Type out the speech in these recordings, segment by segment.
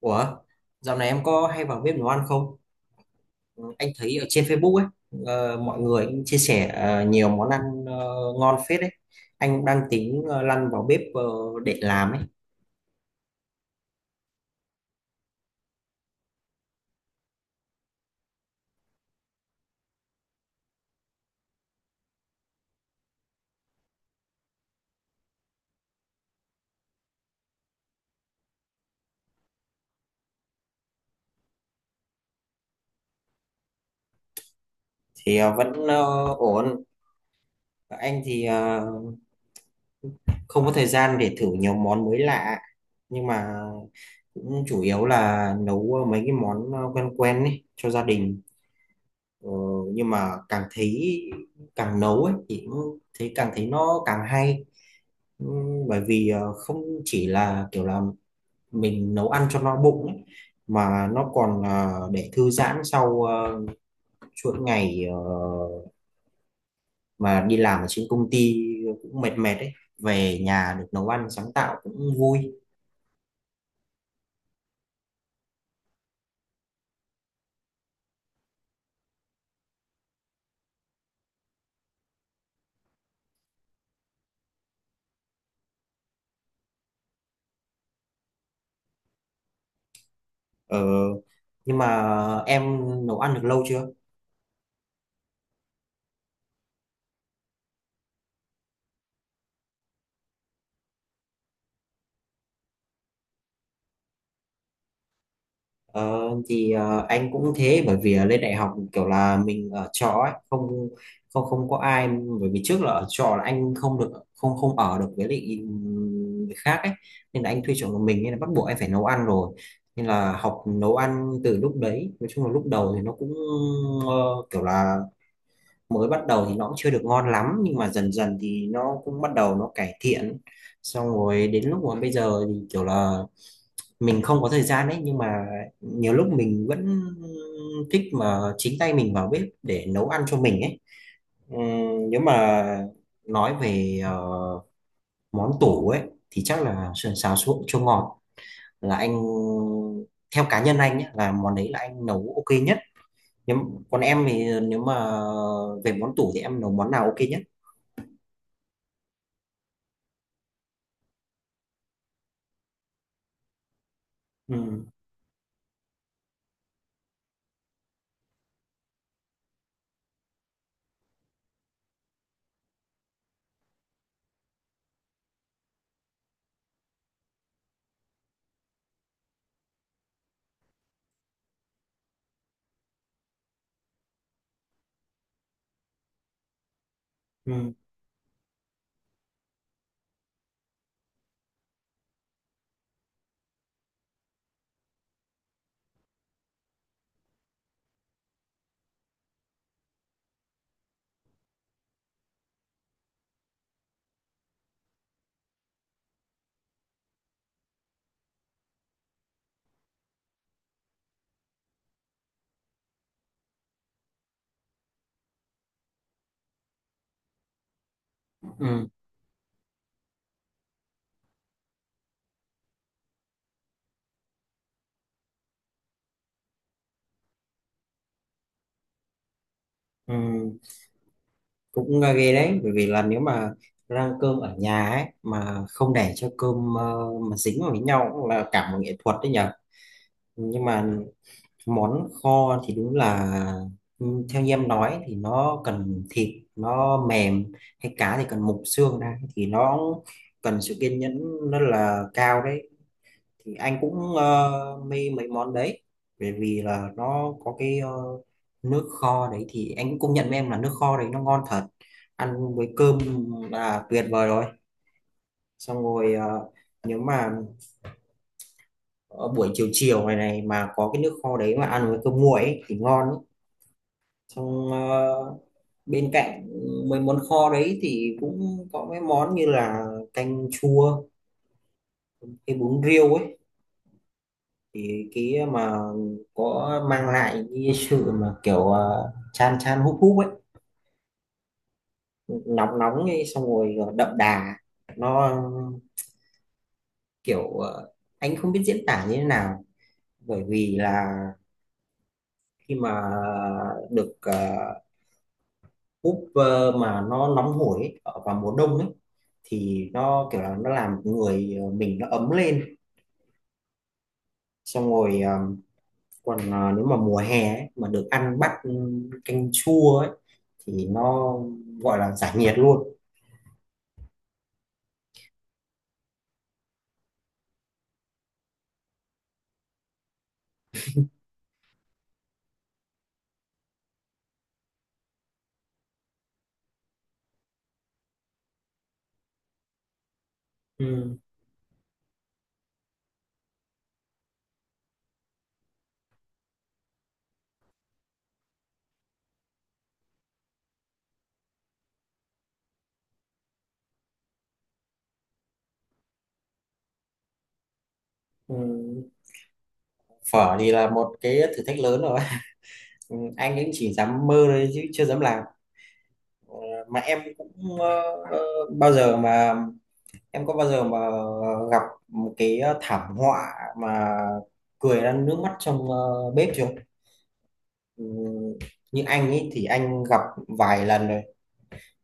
Ủa, dạo này em có hay vào bếp nấu ăn không? Anh thấy ở trên Facebook ấy, mọi người cũng chia sẻ nhiều món ăn ờ, ngon phết đấy. Anh cũng đang tính lăn vào bếp để làm ấy, thì vẫn ổn. Anh thì không có thời gian để thử nhiều món mới lạ, nhưng mà cũng chủ yếu là nấu mấy cái món quen quen ấy cho gia đình. Ờ, nhưng mà càng nấu ấy thì cũng thấy càng thấy nó càng hay. Bởi vì không chỉ là kiểu là mình nấu ăn cho no bụng ấy, mà nó còn để thư giãn sau chuỗi ngày mà đi làm ở trên công ty cũng mệt mệt ấy, về nhà được nấu ăn sáng tạo cũng vui. Ờ, nhưng mà em nấu ăn được lâu chưa? Ờ, thì anh cũng thế, bởi vì lên đại học kiểu là mình ở trọ ấy, không không không có ai, bởi vì trước là ở trọ là anh không được không không ở được với lại người khác ấy, nên là anh thuê trọ một mình nên là bắt buộc anh phải nấu ăn rồi, nên là học nấu ăn từ lúc đấy. Nói chung là lúc đầu thì nó cũng ờ, kiểu là mới bắt đầu thì nó cũng chưa được ngon lắm, nhưng mà dần dần thì nó cũng bắt đầu nó cải thiện, xong rồi đến lúc mà bây giờ thì kiểu là mình không có thời gian đấy, nhưng mà nhiều lúc mình vẫn thích mà chính tay mình vào bếp để nấu ăn cho mình ấy. Nếu mà nói về món tủ ấy thì chắc là sườn xào chua ngọt, là anh, theo cá nhân anh nhé, là món đấy là anh nấu ok nhất. Nhưng còn em thì nếu mà về món tủ thì em nấu món nào ok nhất? Ừ. Ừ. Ừ. Ừ. Cũng ghê đấy, bởi vì là nếu mà rang cơm ở nhà ấy mà không để cho cơm mà dính vào với nhau cũng là cả một nghệ thuật đấy nhở. Nhưng mà món kho thì đúng là, ừ, theo như em nói thì nó cần thịt nó mềm, hay cá thì cần mục xương ra thì nó cần sự kiên nhẫn rất là cao đấy. Thì anh cũng mê mấy món đấy, bởi vì là nó có cái nước kho đấy, thì anh cũng công nhận với em là nước kho đấy nó ngon thật, ăn với cơm là tuyệt vời rồi. Xong rồi nếu mà ở buổi chiều chiều này này mà có cái nước kho đấy mà ăn với cơm nguội ấy, thì ngon ấy. Xong bên cạnh mấy món kho đấy thì cũng có mấy món như là canh chua, cái bún riêu ấy, thì cái mà có mang lại cái sự mà kiểu chan chan húp húp ấy, nóng nóng ấy, xong rồi đậm đà. Nó kiểu anh không biết diễn tả như thế nào, bởi vì là khi mà được húp mà nó nóng hổi ấy, ở vào mùa đông ấy, thì nó kiểu là nó làm mình nó ấm lên. Xong rồi còn nếu mà mùa hè ấy, mà được ăn bát canh chua ấy thì nó gọi là giải nhiệt luôn. Ừ. Ừ. Phở thì là một cái thử thách lớn rồi. Ừ. Anh ấy chỉ dám mơ thôi chứ chưa dám làm. Ờ, mà em cũng ờ, ờ, bao giờ mà em có bao giờ mà gặp một cái thảm họa mà cười ra nước mắt trong bếp chưa? Ừ. Như anh ấy thì anh gặp vài lần rồi,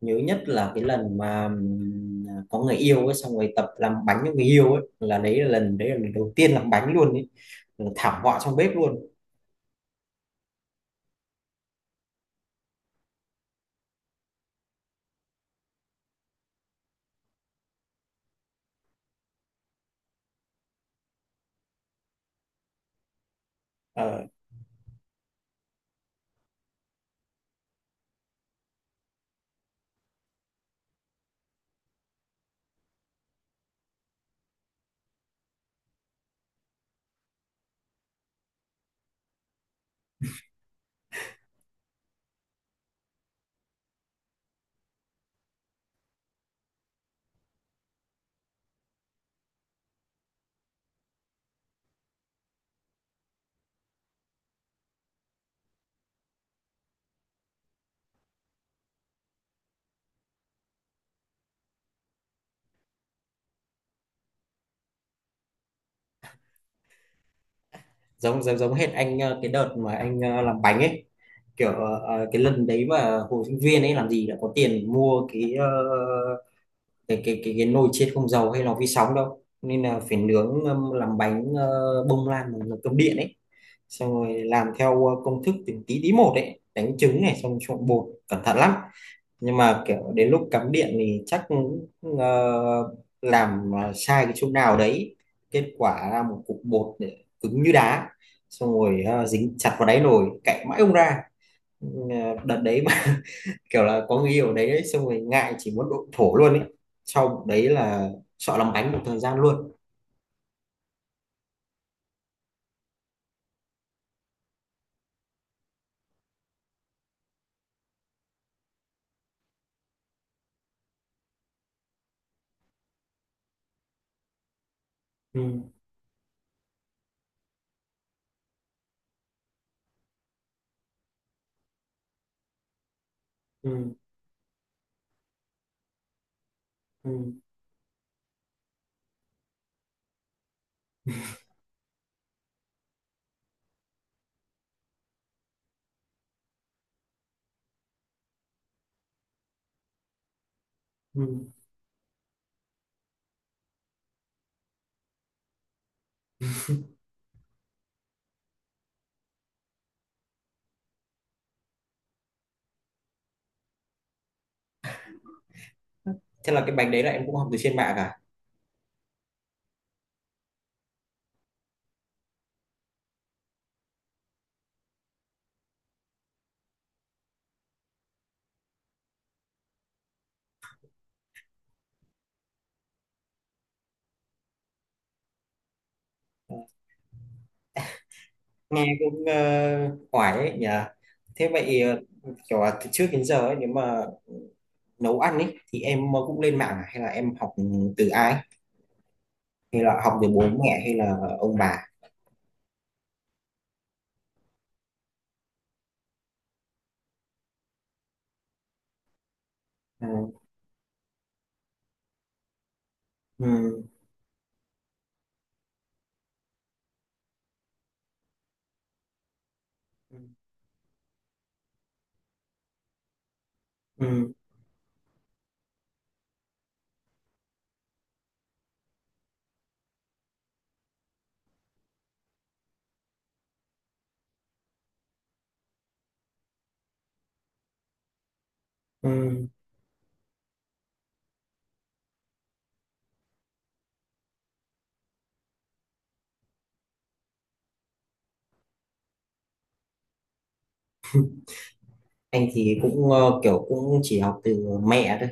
nhớ nhất là cái lần mà có người yêu ấy xong rồi tập làm bánh cho người yêu ấy, là đấy là lần đầu tiên làm bánh luôn ấy. Ừ, thảm họa trong bếp luôn. Ờ, giống giống giống hết anh, cái đợt mà anh làm bánh ấy, kiểu cái lần đấy mà hồi sinh viên ấy làm gì đã có tiền mua cái cái nồi chiên không dầu hay lò vi sóng đâu, nên là phải nướng, làm bánh bông lan bằng cơm điện ấy. Xong rồi làm theo công thức từng tí tí một ấy, đánh trứng này xong trộn bột cẩn thận lắm, nhưng mà kiểu đến lúc cắm điện thì chắc ờ, làm sai cái chỗ nào đấy, kết quả ra một cục bột để cứng như đá, xong rồi dính chặt vào đáy nồi cạy mãi không ra. Ừ, đợt đấy mà kiểu là có người yêu ở đấy ấy, xong rồi ngại, chỉ muốn độn thổ luôn ấy, sau đấy là sợ làm bánh một thời gian luôn. Ừ. Ừ. Ừ. Ừ. Thế là cái bánh đấy là em cũng học từ trên mạng à? Nghe cũng ấy nhỉ. Thế vậy kiểu là từ trước đến giờ ấy, nếu mà nấu ăn ấy thì em cũng lên mạng à? Hay là em học từ ai, hay là học từ bố mẹ, hay là ông bà? Ừ. Ừ. Ừ. Ừ. Anh thì cũng kiểu cũng chỉ học từ mẹ thôi,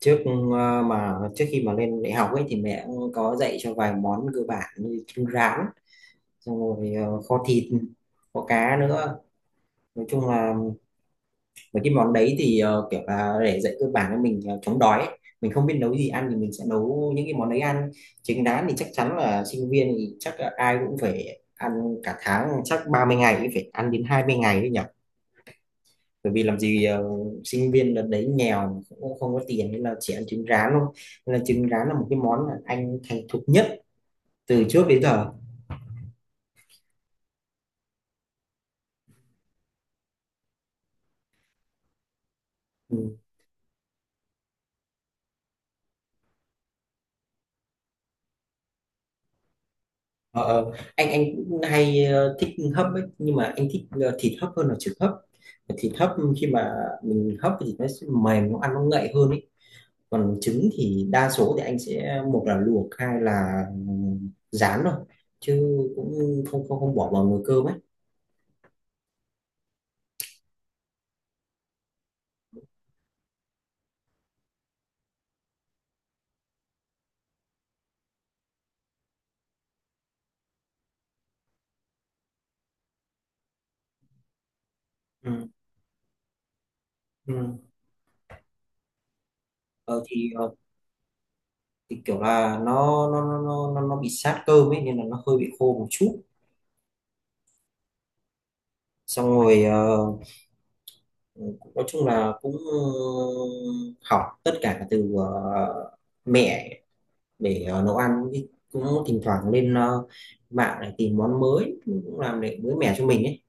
trước mà trước khi mà lên đại học ấy thì mẹ cũng có dạy cho vài món cơ bản như trứng rán, xong rồi kho thịt kho cá nữa. Nói chung là mấy cái món đấy thì kiểu là để dạy cơ bản cho mình chống đói ấy. Mình không biết nấu gì ăn thì mình sẽ nấu những cái món đấy ăn. Trứng rán thì chắc chắn là sinh viên thì chắc là ai cũng phải ăn, cả tháng chắc 30 ngày cũng phải ăn đến 20 ngày đấy nhỉ. Bởi vì làm gì sinh viên đợt đấy nghèo cũng không có tiền, nên là chỉ ăn trứng rán thôi, nên là trứng rán là một cái món mà anh thành thục nhất từ trước đến giờ. Ừ. Anh cũng hay thích hấp ấy, nhưng mà anh thích thịt hấp hơn là trứng hấp. Thịt hấp khi mà mình hấp thì nó sẽ mềm, nó ăn nó ngậy hơn ấy, còn trứng thì đa số thì anh sẽ một là luộc hai là rán thôi, chứ cũng không không không bỏ vào nồi cơm ấy. Ừ. Ừ. Ờ, thì, ờ, thì kiểu là nó bị sát cơm ấy nên là nó hơi bị khô một chút. Xong rồi nói chung là cũng học tất cả từ mẹ để nấu ăn, cũng thỉnh thoảng lên mạng để tìm món mới cũng làm để mới mẻ cho mình ấy,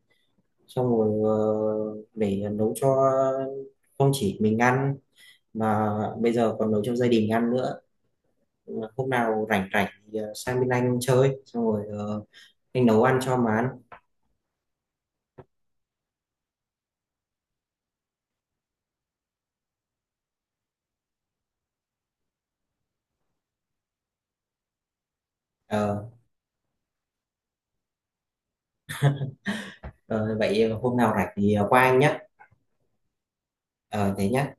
xong rồi để nấu cho, không chỉ mình ăn mà bây giờ còn nấu cho gia đình ăn nữa. Hôm nào rảnh rảnh thì sang bên anh chơi xong rồi anh nấu ăn cho mà ăn. Ờ, ờ, Vậy hôm nào rảnh thì qua anh nhé. Ờ Thế nhá.